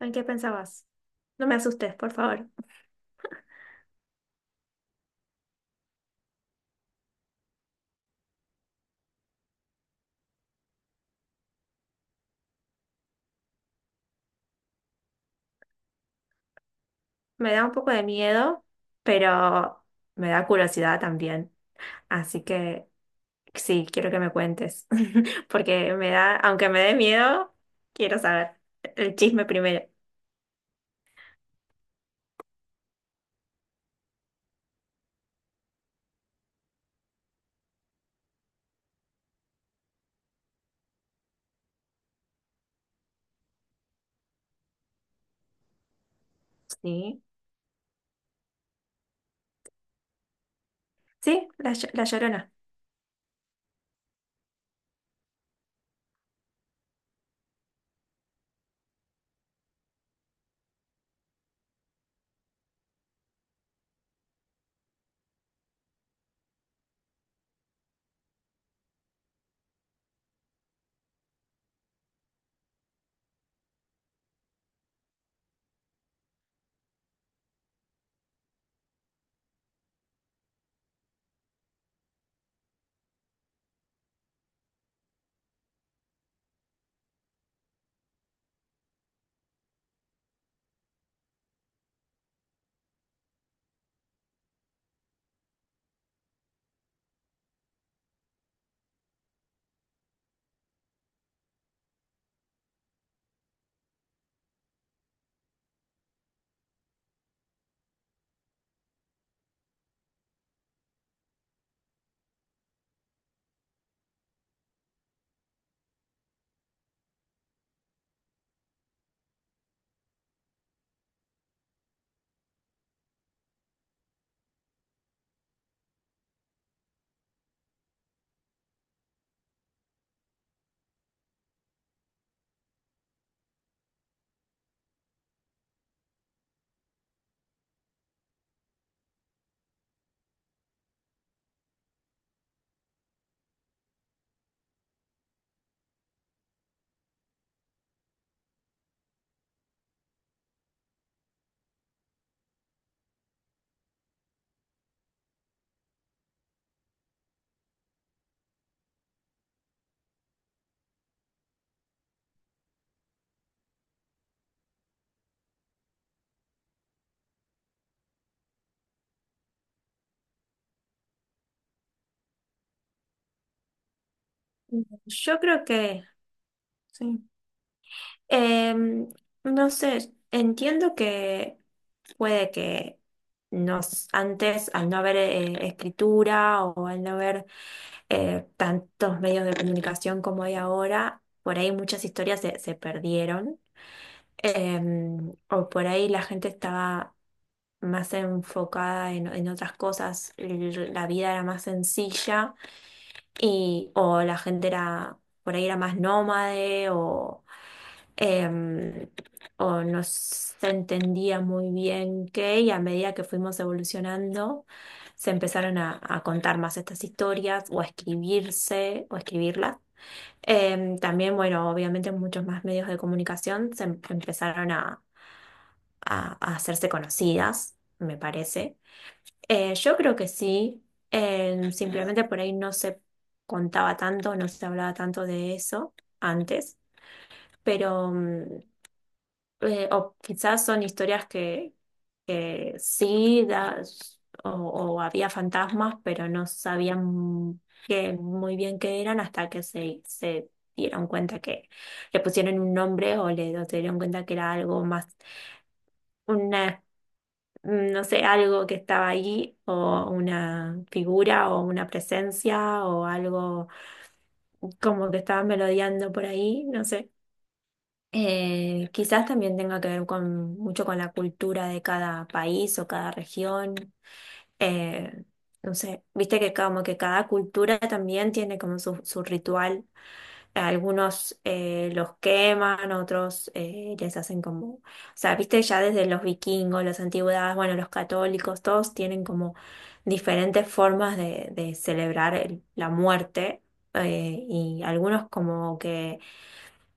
¿En qué pensabas? No me asustes, por favor. Me da un poco de miedo, pero me da curiosidad también. Así que sí, quiero que me cuentes, porque me da, aunque me dé miedo, quiero saber el chisme primero. Sí, sí, la Llorona. Yo creo que, sí. Em, no sé, entiendo que puede que antes, al no haber escritura o al no haber tantos medios de comunicación como hay ahora, por ahí muchas historias se perdieron. O por ahí la gente estaba más enfocada en otras cosas, la vida era más sencilla y, o la gente era, por ahí era más nómade em, o no se entendía muy bien qué, y a medida que fuimos evolucionando, se empezaron a contar más estas historias o a escribirse o escribirlas. También, bueno, obviamente muchos más medios de comunicación empezaron a hacerse conocidas, me parece. Yo creo que sí, simplemente por ahí no se contaba tanto, no se hablaba tanto de eso antes, pero o quizás son historias que sí, o había fantasmas, pero no sabían que, muy bien qué eran hasta que se dieron cuenta que le pusieron un nombre o le o se dieron cuenta que era algo más, una, no sé, algo que estaba ahí, o una figura, o una presencia, o algo como que estaba merodeando por ahí, no sé. Quizás también tenga que ver con mucho con la cultura de cada país o cada región. Eh, no sé, viste que como que cada cultura también tiene como su ritual. Algunos los queman, otros les hacen como, o sea, viste ya desde los vikingos, las antigüedades, bueno, los católicos, todos tienen como diferentes formas de celebrar la muerte. Eh, y algunos como que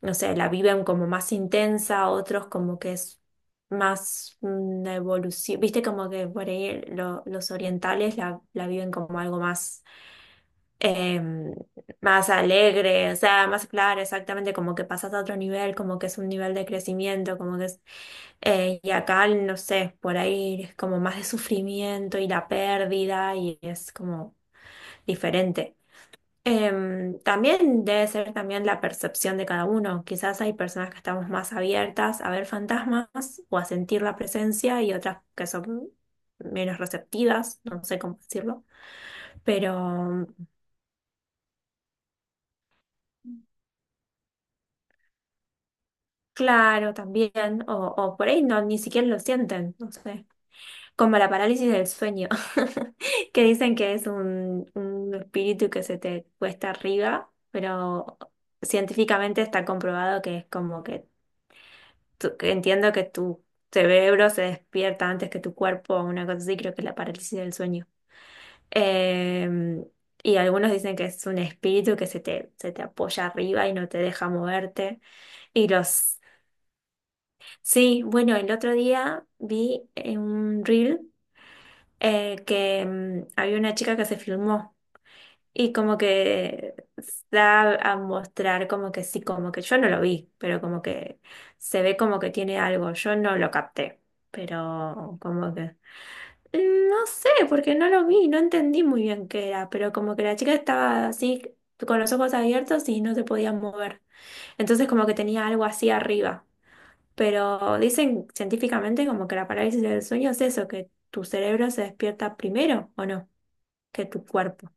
no sé, la viven como más intensa, otros como que es más una evolución, viste como que por ahí los orientales la viven como algo más, eh, más alegre, o sea, más claro, exactamente, como que pasas a otro nivel, como que es un nivel de crecimiento, como que es, y acá, no sé, por ahí es como más de sufrimiento y la pérdida y es como diferente. También debe ser también la percepción de cada uno. Quizás hay personas que estamos más abiertas a ver fantasmas o a sentir la presencia y otras que son menos receptivas, no sé cómo decirlo, pero claro, también, o por ahí no, ni siquiera lo sienten, no sé, como la parálisis del sueño, que dicen que es un espíritu que se te cuesta arriba, pero científicamente está comprobado que es como que que entiendo que tu cerebro se despierta antes que tu cuerpo, una cosa así, creo que es la parálisis del sueño. Em, y algunos dicen que es un espíritu que se te apoya arriba y no te deja moverte. Y los... Sí, bueno, el otro día vi en un reel había una chica que se filmó. Y como que da a mostrar como que sí, como que yo no lo vi, pero como que se ve como que tiene algo, yo no lo capté, pero como que no sé, porque no lo vi, no entendí muy bien qué era, pero como que la chica estaba así con los ojos abiertos y no se podía mover. Entonces como que tenía algo así arriba. Pero dicen científicamente como que la parálisis del sueño es eso, que tu cerebro se despierta primero o no, que tu cuerpo.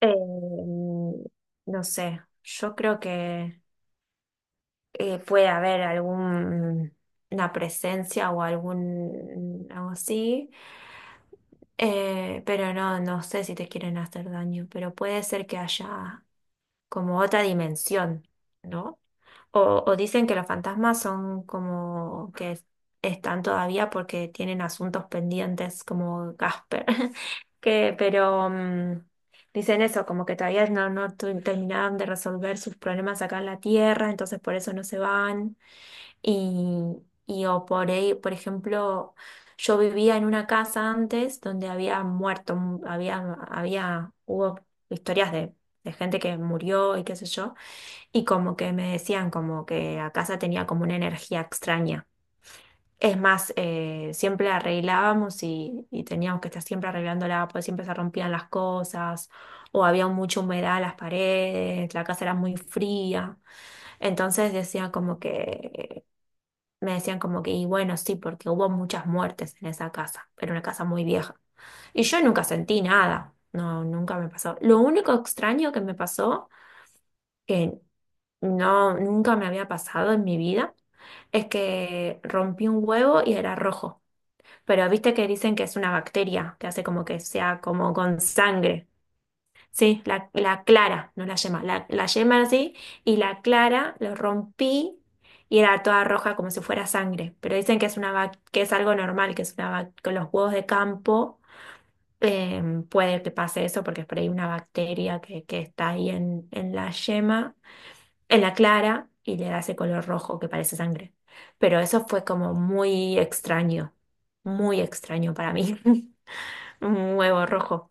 Eh, mm, no sé, yo creo que puede haber algún, una presencia o algún algo así, pero no, no sé si te quieren hacer daño, pero puede ser que haya como otra dimensión, ¿no? O dicen que los fantasmas son como que están todavía porque tienen asuntos pendientes como Gasper. Que, pero dicen eso, como que todavía no, terminaron de resolver sus problemas acá en la Tierra, entonces por eso no se van. Y, y o por ahí, por ejemplo, yo vivía en una casa antes donde había muerto, había, había, hubo historias de gente que murió y qué sé yo. Y como que me decían como que a casa tenía como una energía extraña. Es más, siempre la arreglábamos y teníamos que estar siempre arreglándola, pues siempre se rompían las cosas o había mucha humedad en las paredes, la casa era muy fría. Entonces decían como que, me decían como que, y bueno, sí, porque hubo muchas muertes en esa casa, era una casa muy vieja. Y yo nunca sentí nada, no, nunca me pasó. Lo único extraño que me pasó, que no, nunca me había pasado en mi vida, es que rompí un huevo y era rojo. Pero viste que dicen que es una bacteria, que hace como que sea como con sangre. Sí, la clara, no la yema, la yema así, y la clara lo rompí y era toda roja como si fuera sangre. Pero dicen que es una que es algo normal, que es una con los huevos de campo puede que pase eso porque es por ahí una bacteria que está ahí en la yema en la clara y le da ese color rojo que parece sangre. Pero eso fue como muy extraño para mí. Un huevo rojo.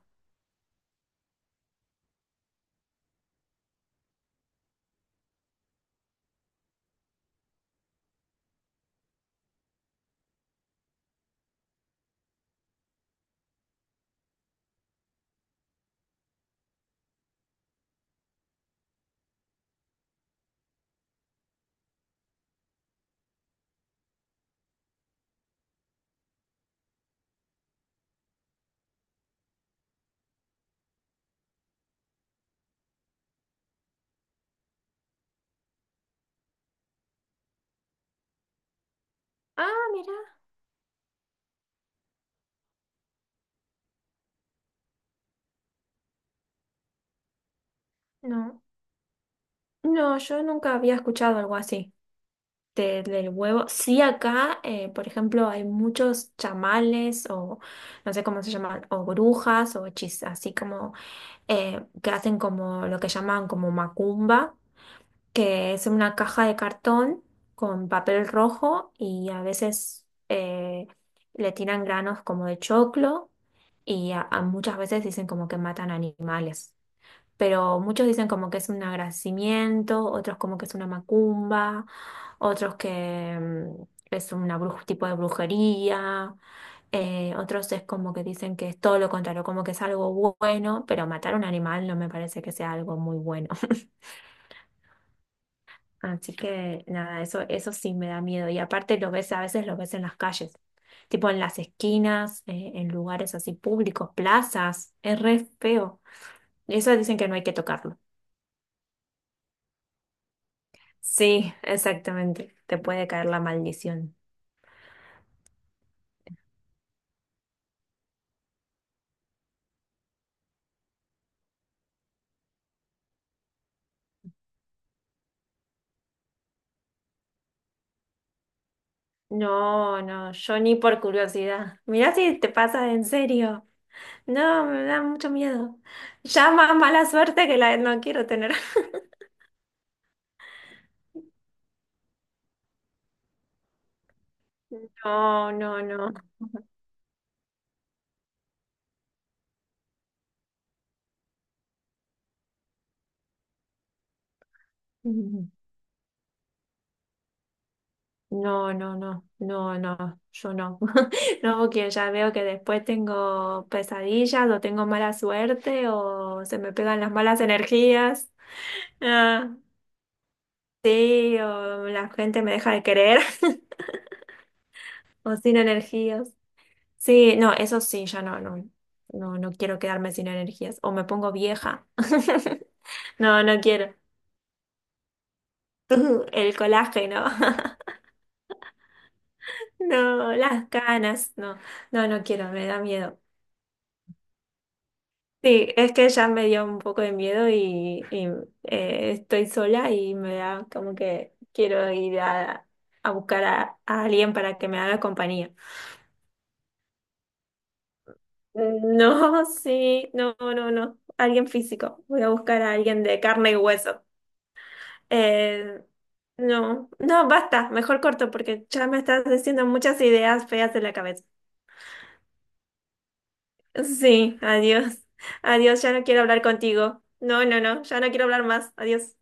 Ah, mira, no. No, yo nunca había escuchado algo así del huevo. Sí, acá, por ejemplo, hay muchos chamales o no sé cómo se llaman, o brujas o hechizas, así como que hacen como lo que llaman como macumba, que es una caja de cartón con papel rojo y a veces le tiran granos como de choclo y a muchas veces dicen como que matan animales. Pero muchos dicen como que es un agradecimiento, otros como que es una macumba, otros que es un tipo de brujería, otros es como que dicen que es todo lo contrario, como que es algo bueno, pero matar un animal no me parece que sea algo muy bueno. Así que nada, eso sí me da miedo. Y aparte lo ves, a veces lo ves en las calles, tipo en las esquinas, en lugares así públicos, plazas, es re feo. Eso dicen que no hay que tocarlo. Sí, exactamente. Te puede caer la maldición. No, no, yo ni por curiosidad. Mirá si te pasa en serio. No, me da mucho miedo. Ya más mala suerte que la no quiero tener. No, no, no. No, no, no, no, no, yo no. No, porque ya veo que después tengo pesadillas o tengo mala suerte o se me pegan las malas energías. Ah, sí, o la gente me deja de querer o sin energías. Sí, no, eso sí, ya no, no, no, no quiero quedarme sin energías o me pongo vieja. No, no quiero. El colágeno, no, las canas, no, no, no quiero, me da miedo. Sí, es que ya me dio un poco de miedo y, estoy sola y me da como que quiero ir a buscar a alguien para que me haga compañía. No, sí, no, no, no, alguien físico. Voy a buscar a alguien de carne y hueso. Eh, no, no, basta, mejor corto porque ya me estás diciendo muchas ideas feas de la cabeza. Sí, adiós, adiós, ya no quiero hablar contigo. No, no, no, ya no quiero hablar más, adiós.